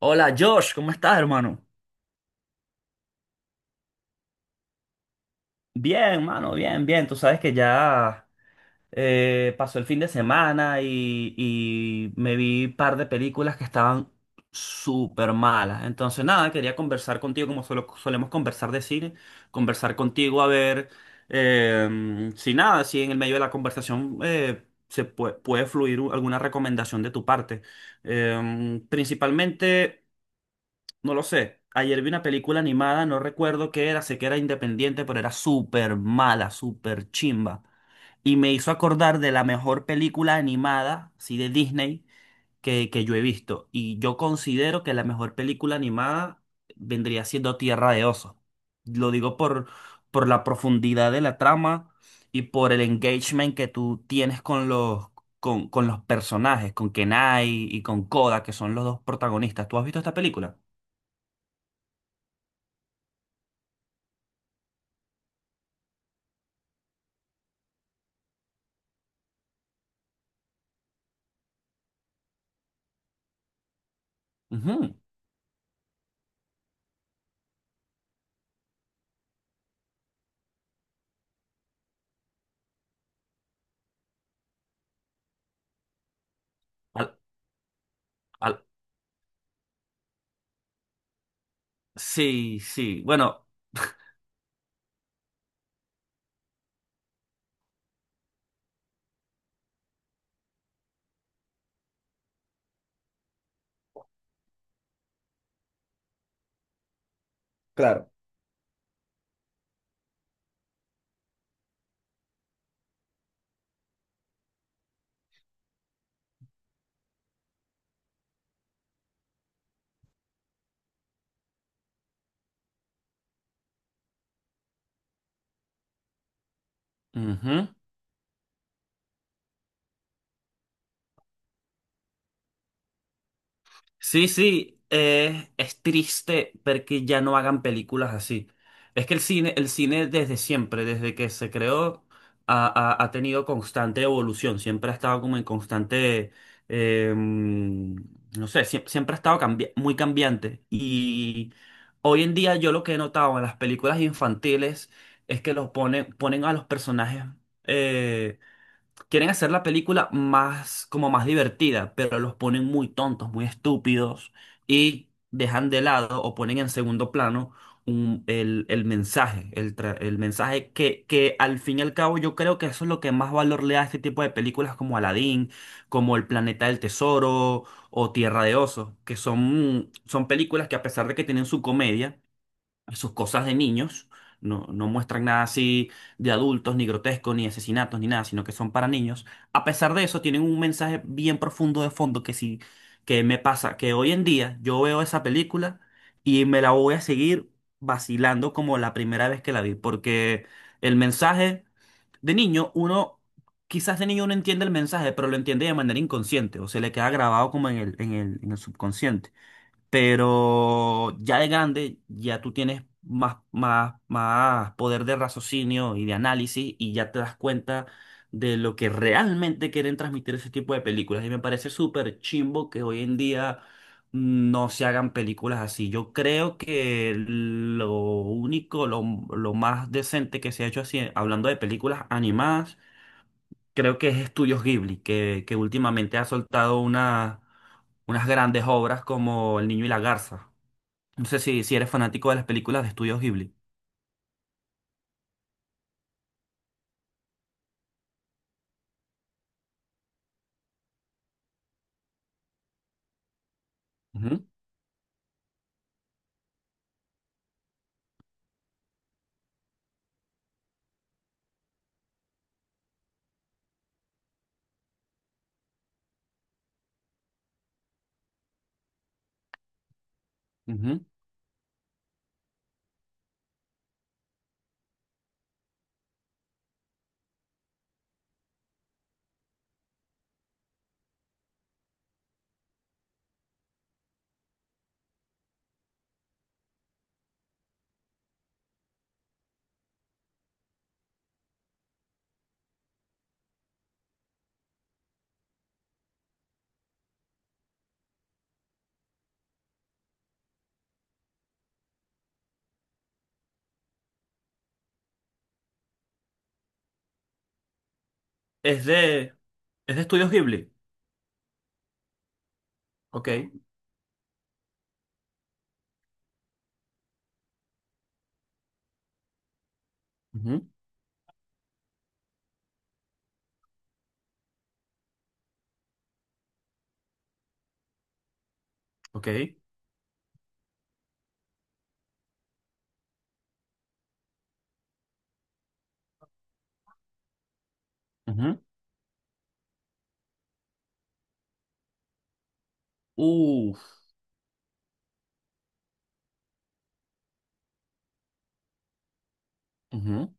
Hola Josh, ¿cómo estás, hermano? Bien, mano, bien, bien. Tú sabes que ya pasó el fin de semana y me vi un par de películas que estaban súper malas. Entonces, nada, quería conversar contigo como solemos conversar de cine, conversar contigo a ver si nada, si en el medio de la conversación puede, fluir alguna recomendación de tu parte. Principalmente. No lo sé. Ayer vi una película animada, no recuerdo qué era, sé que era independiente, pero era súper mala, súper chimba. Y me hizo acordar de la mejor película animada, sí, de Disney, que yo he visto. Y yo considero que la mejor película animada vendría siendo Tierra de Osos. Lo digo por la profundidad de la trama y por el engagement que tú tienes con los, con los personajes, con Kenai y con Koda, que son los dos protagonistas. ¿Tú has visto esta película? Ujú. Al- al- sí, sí. Bueno, claro. Ujú. Sí, sí. Es triste ver que ya no hagan películas así. Es que el cine desde siempre, desde que se creó, ha tenido constante evolución. Siempre ha estado como en constante, no sé, siempre ha estado muy cambiante. Y hoy en día yo lo que he notado en las películas infantiles es que los ponen, ponen a los personajes. eh, Quieren hacer la película más, como más divertida, pero los ponen muy tontos, muy estúpidos y dejan de lado o ponen en segundo plano el mensaje, el mensaje que al fin y al cabo yo creo que eso es lo que más valor le da a este tipo de películas como Aladdin, como El Planeta del Tesoro o Tierra de Osos, que son, son películas que a pesar de que tienen su comedia, sus cosas de niños, no, no muestran nada así de adultos, ni grotesco, ni asesinatos, ni nada, sino que son para niños. A pesar de eso, tienen un mensaje bien profundo de fondo que sí, que me pasa, que hoy en día yo veo esa película y me la voy a seguir vacilando como la primera vez que la vi, porque el mensaje de niño, uno... Quizás de niño uno entiende el mensaje, pero lo entiende de manera inconsciente o se le queda grabado como en el, en el subconsciente. Pero ya de grande, ya tú tienes más, más poder de raciocinio y de análisis y ya te das cuenta de lo que realmente quieren transmitir ese tipo de películas. Y me parece súper chimbo que hoy en día no se hagan películas así. Yo creo que lo único, lo más decente que se ha hecho así, hablando de películas animadas, creo que es Estudios Ghibli, que últimamente ha soltado unas grandes obras como El Niño y la Garza. No sé si, si eres fanático de las películas de Estudios Ghibli. Ujú, ujú, es de. Es de Estudios Ghibli. Ok, ujú, ok. Ujú, uf. Ujú.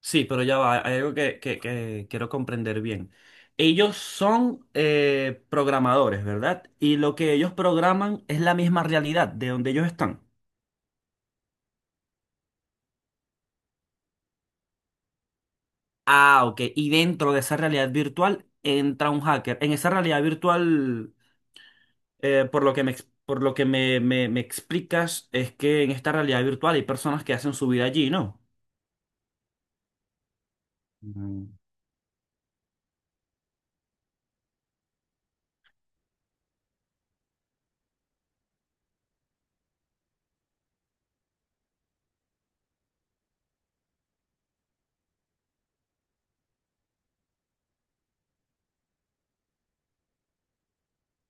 Sí, pero ya va, hay algo que, que quiero comprender bien. Ellos son programadores, ¿verdad? Y lo que ellos programan es la misma realidad de donde ellos están. Ah, ok. Y dentro de esa realidad virtual entra un hacker. En esa realidad virtual por lo que me, por lo que me, me explicas es que en esta realidad virtual hay personas que hacen su vida allí, ¿no? Mm.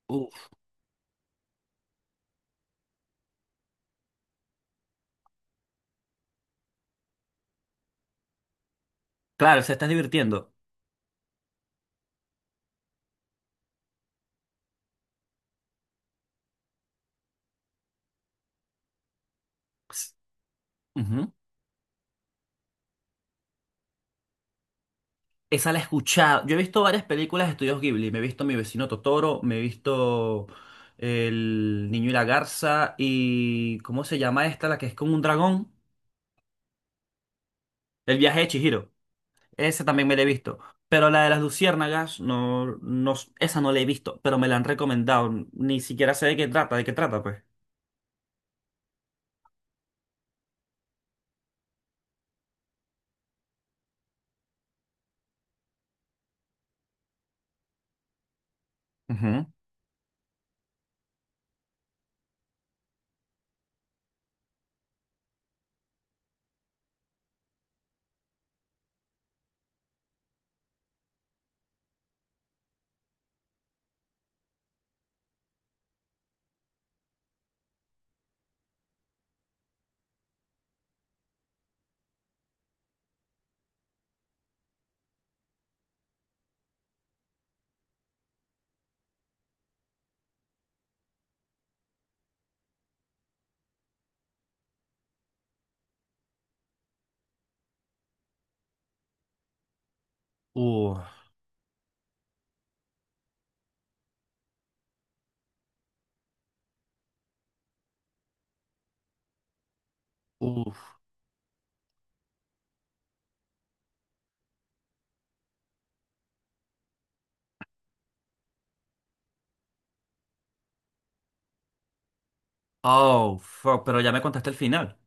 Uf, claro, se estás divirtiendo. Ps- ujú. Esa la he escuchado. Yo he visto varias películas de estudios Ghibli. Me he visto Mi vecino Totoro, me he visto El niño y la garza y ¿cómo se llama esta? La que es con un dragón. El viaje de Chihiro. Esa también me la he visto. Pero la de las luciérnagas, no, no, esa no la he visto, pero me la han recomendado. Ni siquiera sé de qué trata, pues. Ujú. Uf, uf. Oh, fuck, pero ya me contaste el final.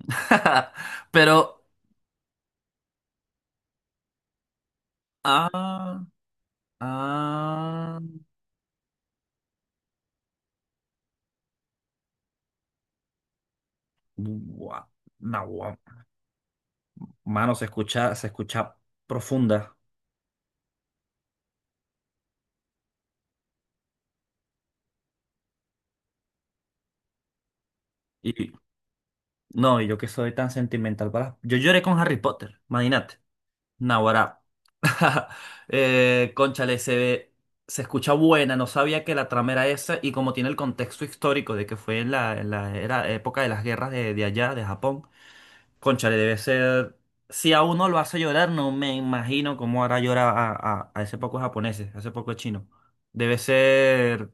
Pero, ah, ah, gua- no, gua- mano, se escucha profunda. Y no, y yo que soy tan sentimental para. Yo lloré con Harry Potter, imagínate. Naguará. Cónchale, se, se escucha buena, no sabía que la trama era esa, y como tiene el contexto histórico de que fue en la era, época de las guerras de allá, de Japón. Cónchale, debe ser. Si a uno lo hace llorar, no me imagino cómo hará llorar a ese poco japonés, a ese poco chino. Debe ser.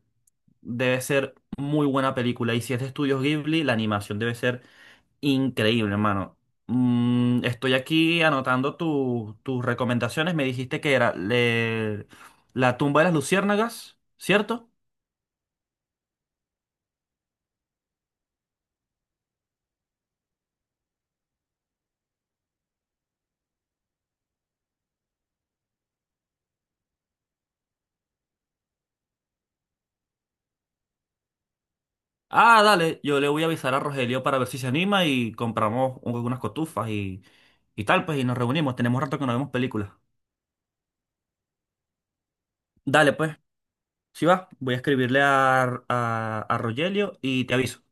Debe ser muy buena película. Y si es de Estudios Ghibli, la animación debe ser increíble, hermano. Mm, estoy aquí anotando tus recomendaciones. Me dijiste que era La tumba de las luciérnagas, ¿cierto? Ah, dale, yo le voy a avisar a Rogelio para ver si se anima y compramos unas cotufas y tal, pues, y nos reunimos. Tenemos rato que no vemos películas. Dale, pues, si va, voy a escribirle a, a Rogelio y te aviso.